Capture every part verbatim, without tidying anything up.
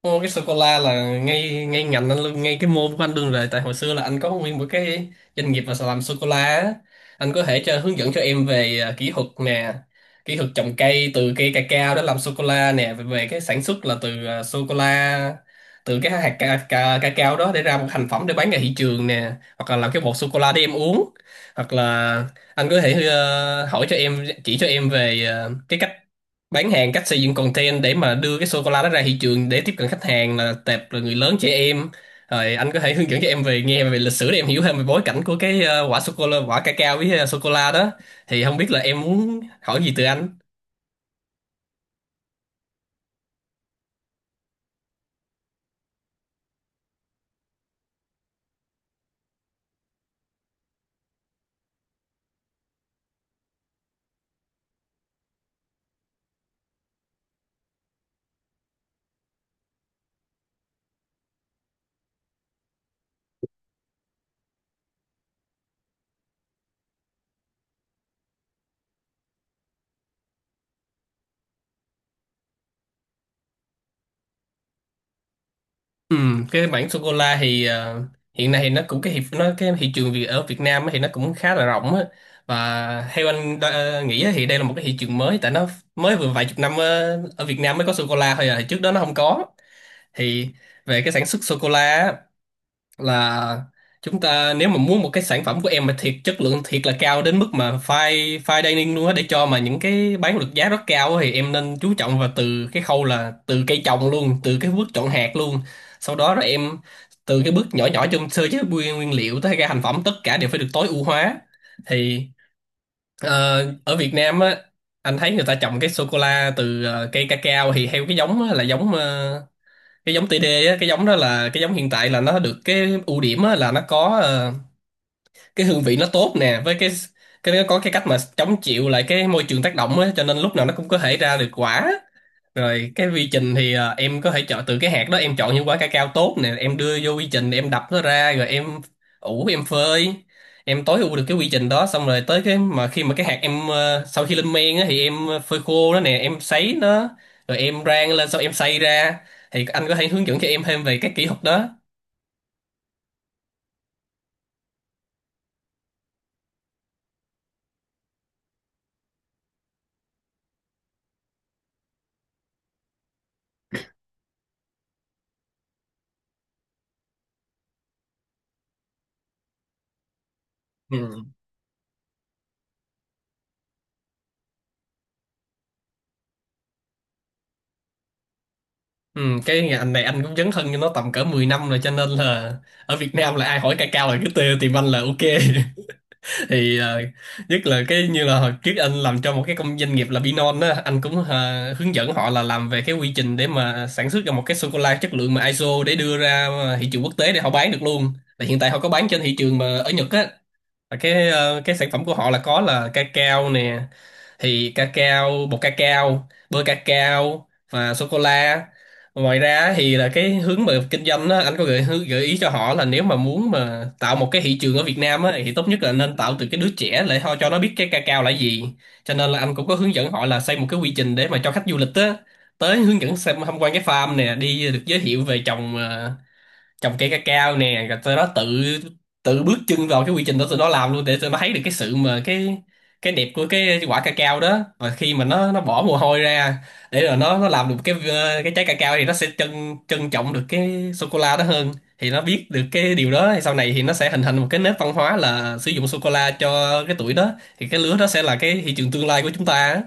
Ô, cái sô cô la là ngay ngay ngành anh luôn, ngay cái môn của anh luôn rồi, tại hồi xưa là anh có nguyên một cái doanh nghiệp mà làm sô cô la á. Anh có thể cho hướng dẫn cho em về à, kỹ thuật nè, kỹ thuật trồng cây từ cây cacao đó làm sô cô la nè, về về cái sản xuất là từ à, sô cô la, từ cái hạt ca, ca, cacao đó để ra một thành phẩm để bán ra thị trường nè, hoặc là làm cái bột sô cô la để em uống, hoặc là anh có thể ờ, hỏi cho em, chỉ cho em về ờ, cái cách bán hàng, cách xây dựng content để mà đưa cái sô cô la đó ra thị trường để tiếp cận khách hàng là tệp là người lớn, trẻ em. Rồi anh có thể hướng dẫn cho em về nghe, về lịch sử để em hiểu thêm về bối cảnh của cái ờ, quả sô cô la, quả cacao với sô cô la đó. Thì không biết là em muốn hỏi gì từ anh. Ừ, cái mảng sô cô la thì ờ, hiện nay thì nó cũng cái hiệp nó cái thị trường Việt ở Việt Nam á thì nó cũng khá là rộng á, và theo anh đo- ờ, nghĩ á thì đây là một cái thị trường mới, tại nó mới vừa vài chục năm ờ, ở Việt Nam mới có sô cô la thôi à, thì trước đó nó không có. Thì về cái sản xuất sô cô la là chúng ta, nếu mà muốn một cái sản phẩm của em mà thiệt chất lượng, thiệt là cao đến mức mà fine fine dining luôn á, để cho mà những cái bán được giá rất cao á, thì em nên chú trọng vào từ cái khâu là từ cây trồng luôn, từ cái bước chọn hạt luôn, sau đó rồi em từ cái bước nhỏ nhỏ trong sơ chế nguyên nguyên liệu tới ra thành phẩm, tất cả đều phải được tối ưu hóa. Thì ờ, ở Việt Nam á, anh thấy người ta trồng cái sô cô la từ ờ, cây cacao thì theo cái giống á, là giống ờ, cái giống tê đê á, cái giống đó là cái giống hiện tại, là nó được cái ưu điểm á là nó có ờ, cái hương vị nó tốt nè, với cái cái nó có cái cách mà chống chịu lại cái môi trường tác động á, cho nên lúc nào nó cũng có thể ra được quả. Rồi cái quy trình thì à, em có thể chọn từ cái hạt đó, em chọn những quả cacao tốt nè, em đưa vô quy trình, em đập nó ra rồi em ủ, em phơi. Em tối ưu được cái quy trình đó xong rồi tới cái mà khi mà cái hạt em ờ, sau khi lên men á thì em phơi khô nó nè, em sấy nó rồi em rang lên, xong em xay ra. Thì anh có thể hướng dẫn cho em thêm về các kỹ thuật đó. Ừ. Ừ, cái ngành này anh cũng dấn thân cho nó tầm cỡ mười năm rồi, cho nên là ở Việt Nam là ai hỏi cacao là cứ tê, tìm anh là ok. Thì ờ, nhất là cái như là hồi trước anh làm cho một cái công doanh nghiệp là Binon á, anh cũng ờ, hướng dẫn họ là làm về cái quy trình để mà sản xuất ra một cái sô cô la chất lượng mà i sô để đưa ra ờ, thị trường quốc tế để họ bán được luôn. Là hiện tại họ có bán trên thị trường mà ở Nhật á, là cái ờ, cái sản phẩm của họ là có là cacao nè, thì cacao, bột cacao, bơ cacao và sô cô la. Ngoài ra thì là cái hướng mà kinh doanh đó, anh có gợi hướng- gợi ý cho họ là nếu mà muốn mà tạo một cái thị trường ở Việt Nam á, thì tốt nhất là nên tạo từ cái đứa trẻ, để họ cho nó biết cái cacao là gì. Cho nên là anh cũng có hướng dẫn họ là xây một cái quy trình để mà cho khách du lịch á tới hướng dẫn xem tham quan cái farm nè, đi được giới thiệu về trồng ờ, trồng cây cacao nè, rồi tụi nó tự tự bước chân vào cái quy trình đó, tụi nó làm luôn, để tụi nó thấy được cái sự mà cái cái đẹp của cái quả cacao đó, và khi mà nó nó bỏ mồ hôi ra để rồi nó nó làm được cái ờ, cái trái cacao thì nó sẽ trân trân trọng được cái sô cô la đó hơn. Thì nó biết được cái điều đó thì sau này thì nó sẽ hình thành một cái nếp văn hóa là sử dụng sô cô la cho cái tuổi đó, thì cái lứa đó sẽ là cái thị trường tương lai của chúng ta á.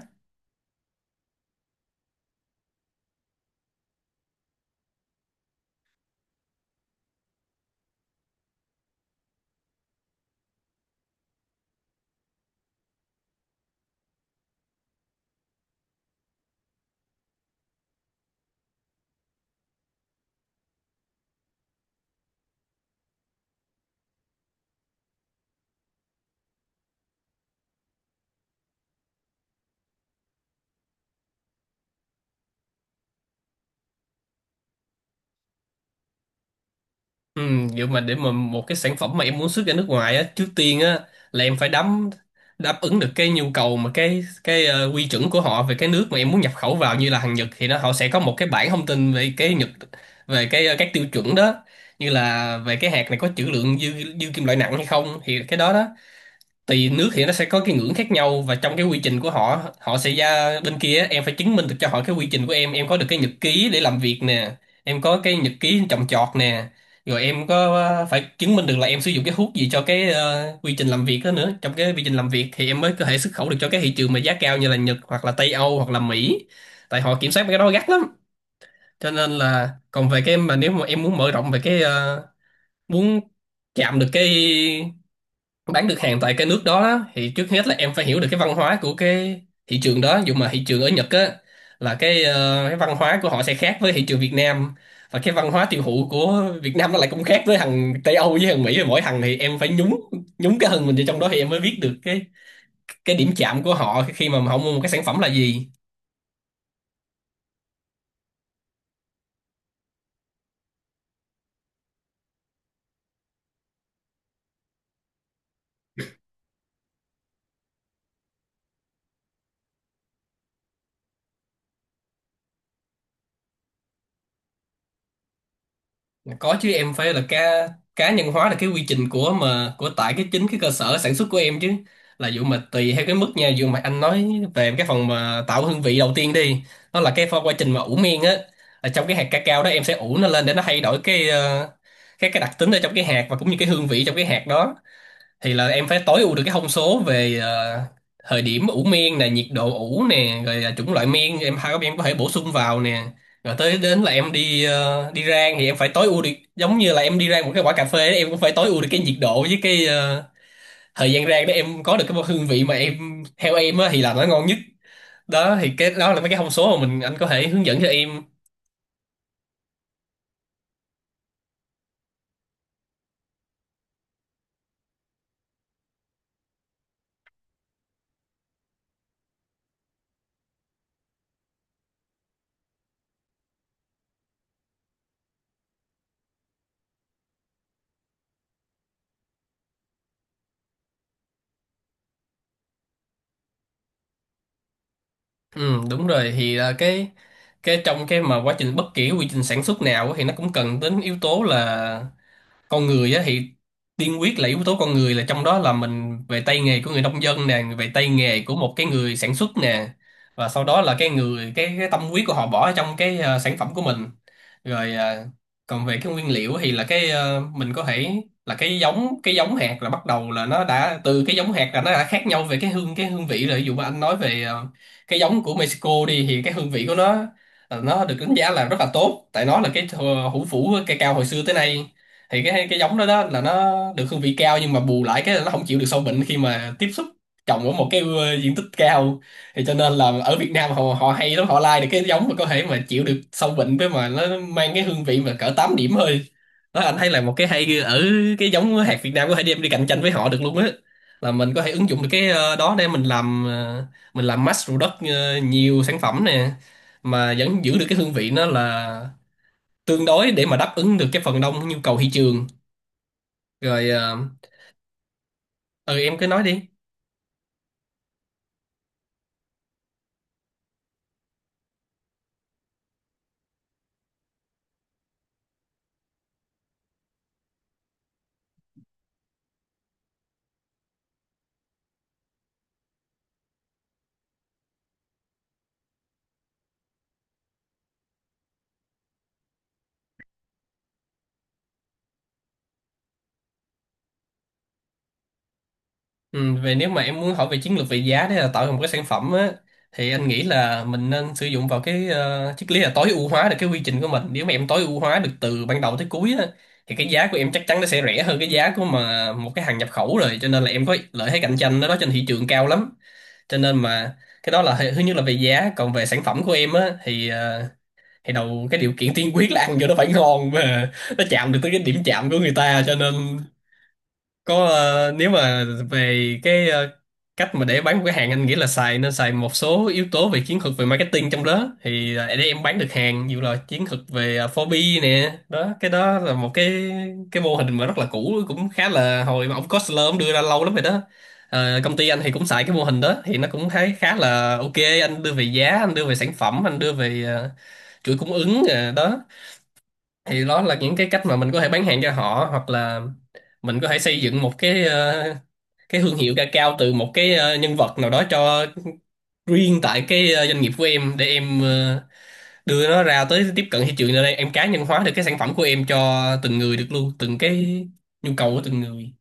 Ừ, vậy mà để mà một cái sản phẩm mà em muốn xuất ra nước ngoài á, trước tiên á là em phải đắm đáp ứng được cái nhu cầu mà cái cái ờ, quy chuẩn của họ về cái nước mà em muốn nhập khẩu vào, như là hàng Nhật thì nó họ sẽ có một cái bảng thông tin về cái Nhật, về cái ờ, các tiêu chuẩn đó, như là về cái hạt này có trữ lượng dư dư kim loại nặng hay không, thì cái đó đó tùy nước thì nó sẽ có cái ngưỡng khác nhau, và trong cái quy trình của họ, họ sẽ ra bên kia á, em phải chứng minh được cho họ cái quy trình của em em có được cái nhật ký để làm việc nè, em có cái nhật ký trồng trọt nè, rồi em có ờ, phải chứng minh được là em sử dụng cái thuốc gì cho cái ờ, quy trình làm việc đó nữa, trong cái quy trình làm việc thì em mới có thể xuất khẩu được cho cái thị trường mà giá cao như là Nhật hoặc là Tây Âu hoặc là Mỹ, tại họ kiểm soát mấy cái đó gắt lắm. Cho nên là còn về cái mà nếu mà em muốn mở rộng về cái ờ, muốn chạm được cái, bán được hàng tại cái nước đó đó, thì trước hết là em phải hiểu được cái văn hóa của cái thị trường đó, dù mà thị trường ở Nhật á, là cái ờ, cái văn hóa của họ sẽ khác với thị trường Việt Nam, và cái văn hóa tiêu thụ của Việt Nam nó lại cũng khác với thằng Tây Âu với thằng Mỹ. Mỗi thằng thì em phải nhúng nhúng cái thân mình vào trong đó thì em mới biết được cái cái điểm chạm của họ khi mà họ mua một cái sản phẩm là gì. Có chứ, em phải là cá cá nhân hóa là cái quy trình của mà của tại cái chính cái cơ sở sản xuất của em chứ. Là dụ mà tùy theo cái mức nha, dụ mà anh nói về cái phần mà tạo hương vị đầu tiên đi, nó là cái pha- quá trình mà ủ men á, là trong cái hạt cacao đó em sẽ ủ nó lên để nó thay đổi cái ờ, cái cái đặc tính ở trong cái hạt, và cũng như cái hương vị trong cái hạt đó. Thì là em phải tối ưu được cái thông số về ờ, thời điểm ủ miên nè, nhiệt độ ủ nè, rồi là chủng loại miên em hai em có thể bổ sung vào nè. Rồi tới đến là em đi ờ, đi rang thì em phải tối ưu được, giống như là em đi rang một cái quả cà phê ấy, em cũng phải tối ưu được cái nhiệt độ với cái ờ, thời gian rang để em có được cái hương vị mà em theo em á, thì làm nó ngon nhất. Đó thì cái đó là mấy cái thông số mà mình anh có thể hướng dẫn cho em. Ừ, đúng rồi, thì là cái cái trong cái mà quá trình, bất kỳ cái quy trình sản xuất nào á, thì nó cũng cần đến yếu tố là con người á. Thì tiên quyết là yếu tố con người, là trong đó là mình về tay nghề của người nông dân nè, về tay nghề của một cái người sản xuất nè, và sau đó là cái người cái, cái tâm huyết của họ bỏ ở trong cái ờ, sản phẩm của mình. Rồi ờ, còn về cái nguyên liệu thì là cái ờ, mình có thể là cái giống, cái giống hạt là bắt đầu là Nó đã từ cái giống hạt là nó đã khác nhau về cái hương cái hương vị rồi. Ví dụ mà anh nói về ờ, cái giống của Mexico đi thì cái hương vị của nó, ờ, nó được đánh giá là rất là tốt, tại nó là cái thờ- hủ phủ cây cao hồi xưa tới nay. Thì cái cái giống đó, đó là nó được hương vị cao, nhưng mà bù lại cái là nó không chịu được sâu bệnh khi mà tiếp xúc trồng ở một cái, ờ, diện tích cao. Thì cho nên là ở Việt Nam họ họ hay lắm, họ lai được cái giống mà có thể mà chịu được sâu bệnh với mà nó mang cái hương vị mà cỡ tám điểm thôi. Đó, anh thấy là một cái hay ở cái giống hạt Việt Nam, có thể đem đi cạnh tranh với họ được luôn á. Là mình có thể ứng dụng được cái ờ, đó để mình làm, ờ, mình làm mass product, ờ, nhiều sản phẩm nè, mà vẫn giữ được cái hương vị nó là tương đối, để mà đáp ứng được cái phần đông nhu cầu thị trường. rồi ờ, ừ, em cứ nói đi. Ừ, về nếu mà em muốn hỏi về chiến lược về giá để là tạo ra một cái sản phẩm á, thì anh nghĩ là mình nên sử dụng vào cái ờ, triết lý là tối ưu hóa được cái quy trình của mình. Nếu mà em tối ưu hóa được từ ban đầu tới cuối á, thì cái giá của em chắc chắn nó sẽ rẻ hơn cái giá của mà một cái hàng nhập khẩu rồi, cho nên là em có lợi thế cạnh tranh đó, đó trên thị trường cao lắm. Cho nên mà cái đó là thứ nhất là về giá. Còn về sản phẩm của em á thì ờ, thì đầu cái điều kiện tiên quyết là ăn vô nó phải ngon và nó chạm được tới cái điểm chạm của người ta, cho nên có, ờ, nếu mà về cái ờ, cách mà để bán một cái hàng, anh nghĩ là xài nên xài một số yếu tố về chiến thuật về marketing trong đó. Thì ờ, để em bán được hàng dù là chiến thuật về, ờ, bốn bê nè đó, cái đó là một cái cái mô hình mà rất là cũ, cũng khá là hồi mà ông Costler ông đưa ra lâu lắm rồi đó. Ờ, công ty anh thì cũng xài cái mô hình đó, thì nó cũng thấy khá là ok. Anh đưa về giá, anh đưa về sản phẩm, anh đưa về ờ, chuỗi cung ứng, ờ, đó. Thì đó là những cái cách mà mình có thể bán hàng cho họ, hoặc là mình có thể xây dựng một cái ờ, cái thương hiệu cacao từ một cái ờ, nhân vật nào đó cho riêng tại cái ờ, doanh nghiệp của em, để em ờ, đưa nó ra tới tiếp cận thị trường. Ở đây em cá nhân hóa được cái sản phẩm của em cho từng người được luôn, từng cái nhu cầu của từng người.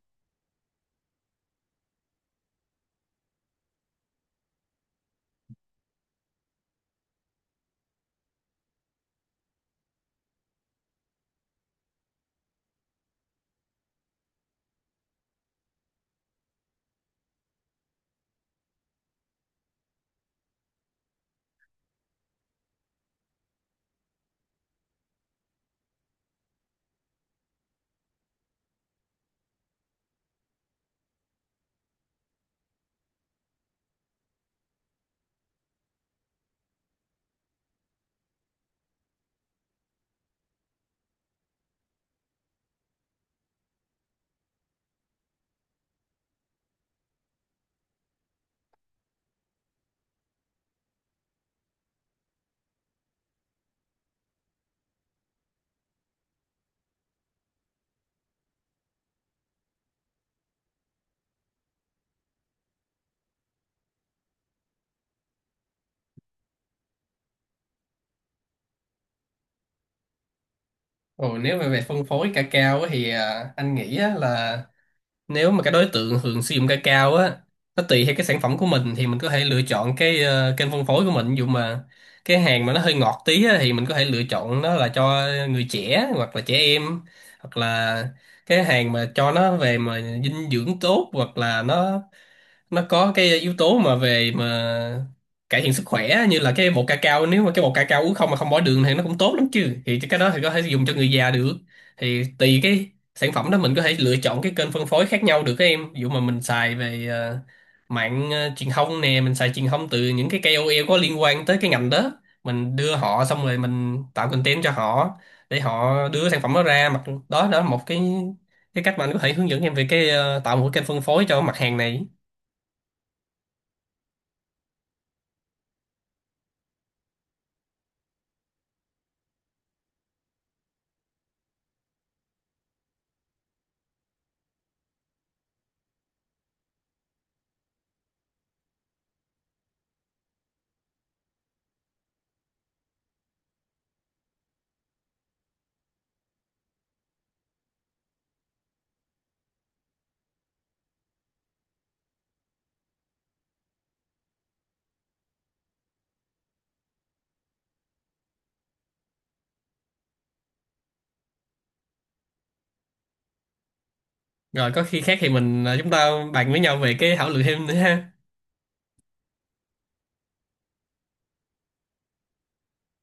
Ồ, nếu mà về phân phối cacao á thì ờ, anh nghĩ á là, nếu mà cái đối tượng hưởng sử dụng ca cao á, nó tùy theo cái sản phẩm của mình, thì mình có thể lựa chọn cái ờ, kênh phân phối của mình. Ví dụ mà cái hàng mà nó hơi ngọt tí á, thì mình có thể lựa chọn nó là cho người trẻ hoặc là trẻ em, hoặc là cái hàng mà cho nó về mà dinh dưỡng tốt, hoặc là nó nó có cái yếu tố mà về mà cải thiện sức khỏe, như là cái bột ca cao. Nếu mà cái bột ca cao uống không mà không bỏ đường thì nó cũng tốt lắm chứ, thì cái đó thì có thể dùng cho người già được. Thì tùy cái sản phẩm đó mình có thể lựa chọn cái kênh phân phối khác nhau được các em. Ví dụ mà mình xài về, ờ, mạng ờ, truyền thông nè, mình xài truyền thông từ những cái ca o lờ có liên quan tới cái ngành đó, mình đưa họ xong rồi mình tạo content cho họ, để họ đưa sản phẩm đó ra mặt. Đó, đó là một cái cái cách mà anh có thể hướng dẫn em về cái ờ, tạo một cái kênh phân phối cho mặt hàng này. Rồi có khi khác thì mình à, chúng ta bàn với nhau về cái, thảo luận thêm nữa ha.